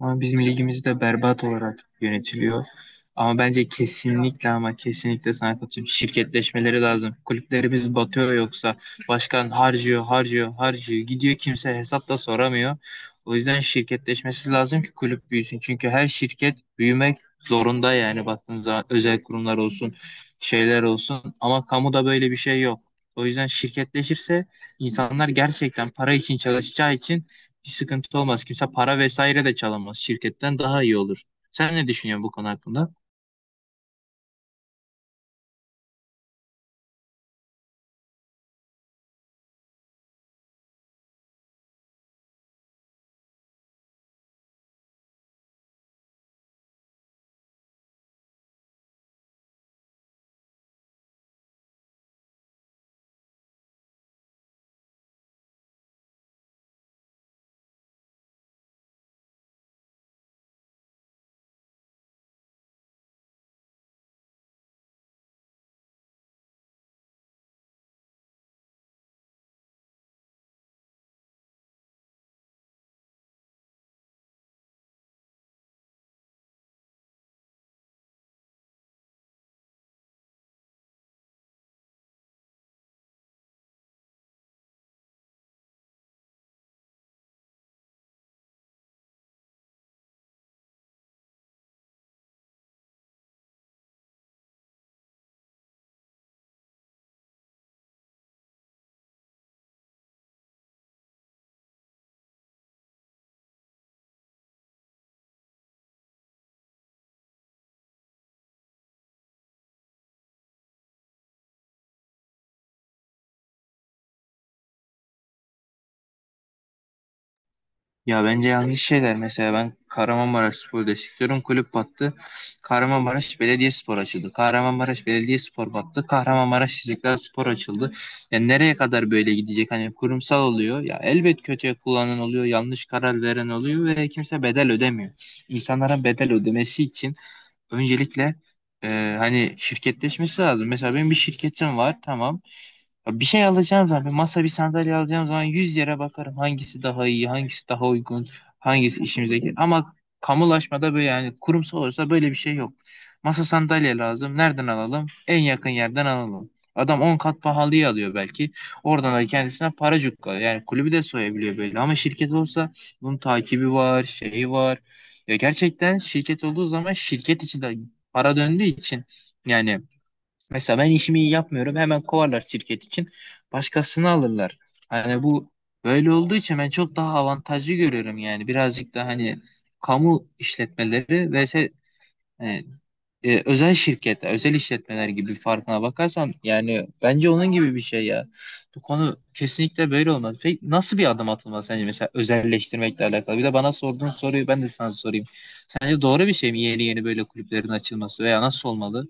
Ama bizim ligimiz de berbat olarak yönetiliyor. Ama bence kesinlikle ama kesinlikle sana katılıyorum. Şirketleşmeleri lazım. Kulüplerimiz batıyor yoksa başkan harcıyor, harcıyor, harcıyor. Gidiyor kimse hesap da soramıyor. O yüzden şirketleşmesi lazım ki kulüp büyüsün. Çünkü her şirket büyümek zorunda yani baktığınız zaman özel kurumlar olsun, şeyler olsun. Ama kamuda böyle bir şey yok. O yüzden şirketleşirse insanlar gerçekten para için çalışacağı için hiç sıkıntı olmaz. Kimse para vesaire de çalamaz. Şirketten daha iyi olur. Sen ne düşünüyorsun bu konu hakkında? Ya bence yanlış şeyler. Mesela ben Kahramanmaraş Spor destekliyorum. Kulüp battı. Kahramanmaraş Belediyespor açıldı. Kahramanmaraş Belediyespor battı. Kahramanmaraş İstiklal Spor açıldı. Ya nereye kadar böyle gidecek? Hani kurumsal oluyor. Ya elbet kötüye kullanan oluyor. Yanlış karar veren oluyor ve kimse bedel ödemiyor. İnsanların bedel ödemesi için öncelikle e, hani şirketleşmesi lazım. Mesela benim bir şirketim var. Tamam. Ya bir şey alacağım zaman, bir masa bir sandalye alacağım zaman 100 yere bakarım. Hangisi daha iyi, hangisi daha uygun, hangisi işimize gelir. Ama kamulaşmada böyle yani kurumsal olursa böyle bir şey yok. Masa sandalye lazım. Nereden alalım? En yakın yerden alalım. Adam 10 kat pahalıya alıyor belki. Oradan da kendisine para cukka. Yani kulübü de soyabiliyor böyle. Ama şirket olsa bunun takibi var, şeyi var. Ya gerçekten şirket olduğu zaman şirket içi de para döndüğü için yani mesela ben işimi iyi yapmıyorum hemen kovarlar şirket için başkasını alırlar. Hani bu böyle olduğu için ben çok daha avantajlı görüyorum yani birazcık da hani kamu işletmeleri ve e, özel şirketler, özel işletmeler gibi farkına bakarsan yani bence onun gibi bir şey ya. Bu konu kesinlikle böyle olmaz. Peki nasıl bir adım atılmalı sence mesela özelleştirmekle alakalı? Bir de bana sorduğun soruyu ben de sana sorayım. Sence doğru bir şey mi yeni yeni böyle kulüplerin açılması veya nasıl olmalı?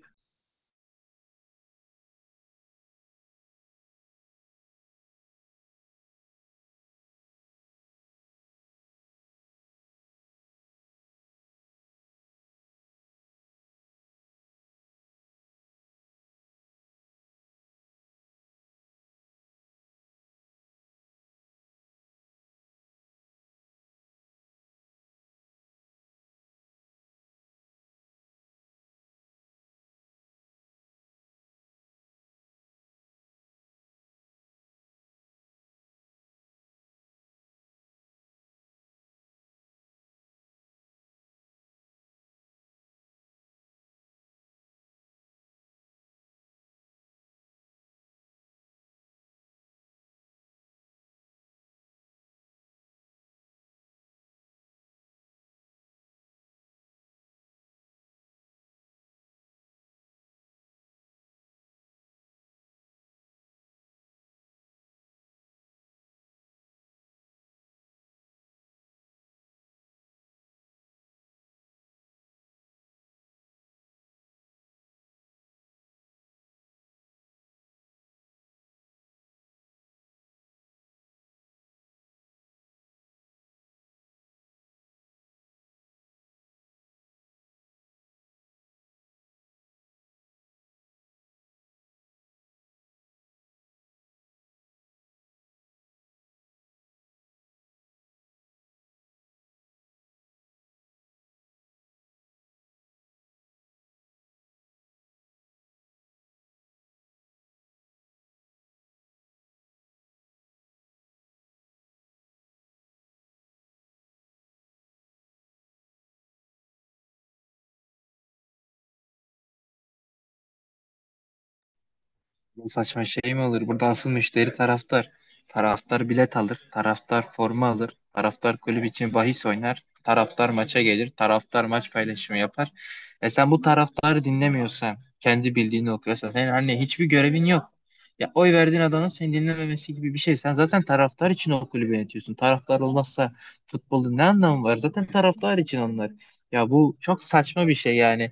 Bu saçma şey mi olur? Burada asıl müşteri taraftar. Taraftar bilet alır, taraftar forma alır, taraftar kulüp için bahis oynar, taraftar maça gelir, taraftar maç paylaşımı yapar. E sen bu taraftarı dinlemiyorsan, kendi bildiğini okuyorsan, senin anne hiçbir görevin yok. Ya oy verdiğin adamın seni dinlememesi gibi bir şey. Sen zaten taraftar için o kulübü yönetiyorsun. Taraftar olmazsa futbolun ne anlamı var? Zaten taraftar için onlar. Ya bu çok saçma bir şey yani.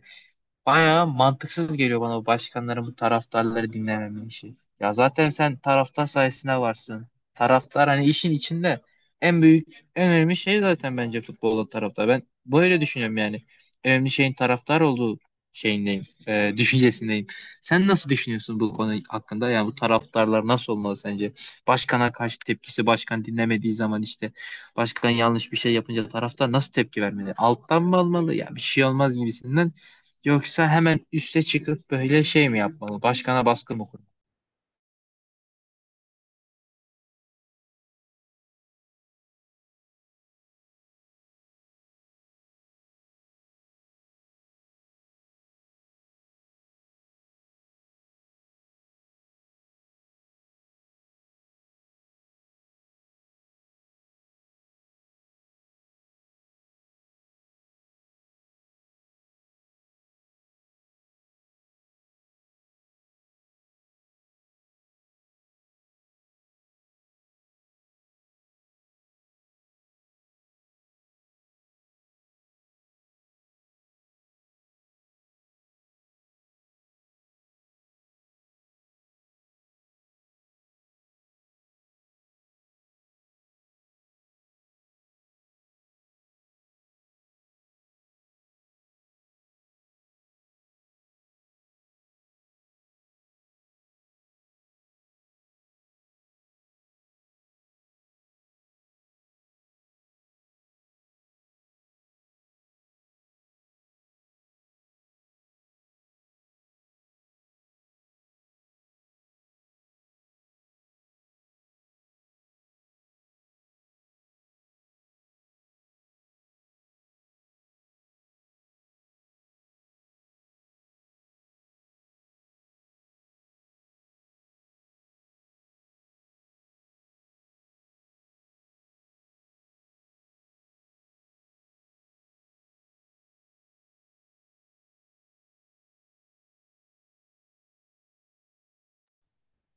Bayağı mantıksız geliyor bana bu başkanların bu taraftarları dinlememe işi. Ya zaten sen taraftar sayesinde varsın. Taraftar hani işin içinde en büyük, en önemli şey zaten bence futbolda taraftar. Ben böyle düşünüyorum yani. En önemli şeyin taraftar olduğu düşüncesindeyim. Sen nasıl düşünüyorsun bu konu hakkında? Yani bu taraftarlar nasıl olmalı sence? Başkana karşı tepkisi, başkan dinlemediği zaman işte başkan yanlış bir şey yapınca taraftar nasıl tepki vermeli? Alttan mı almalı? Ya bir şey olmaz gibisinden. Yoksa hemen üste çıkıp böyle şey mi yapmalı? Başkana baskı mı kurmalı?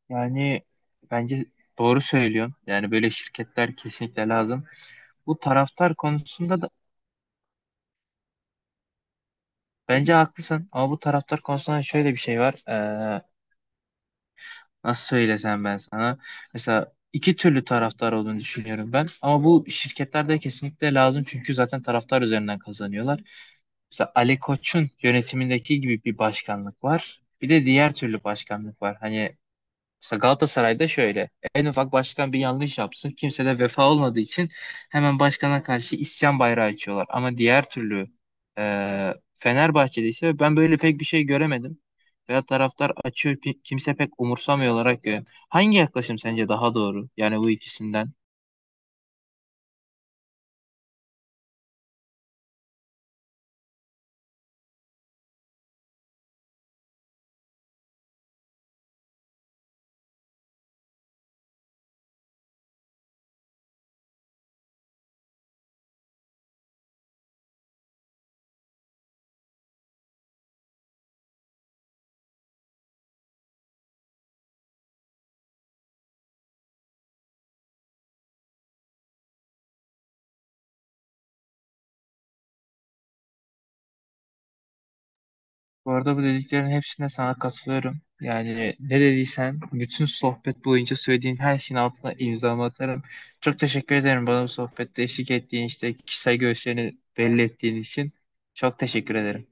Yani bence doğru söylüyorsun. Yani böyle şirketler kesinlikle lazım. Bu taraftar konusunda da bence haklısın. Ama bu taraftar konusunda şöyle bir şey var. Nasıl söylesem ben sana? Mesela iki türlü taraftar olduğunu düşünüyorum ben. Ama bu şirketlerde kesinlikle lazım. Çünkü zaten taraftar üzerinden kazanıyorlar. Mesela Ali Koç'un yönetimindeki gibi bir başkanlık var. Bir de diğer türlü başkanlık var. Hani mesela Galatasaray'da şöyle en ufak başkan bir yanlış yapsın kimse de vefa olmadığı için hemen başkana karşı isyan bayrağı açıyorlar. Ama diğer türlü Fenerbahçe'de ise ben böyle pek bir şey göremedim. Veya taraftar açıyor kimse pek umursamıyor olarak görüyorum. Hangi yaklaşım sence daha doğru? Yani bu ikisinden. Bu arada bu dediklerin hepsine sana katılıyorum. Yani ne dediysen bütün sohbet boyunca söylediğin her şeyin altına imzamı atarım. Çok teşekkür ederim bana bu sohbette eşlik ettiğin işte kişisel görüşlerini belli ettiğin için. Çok teşekkür ederim.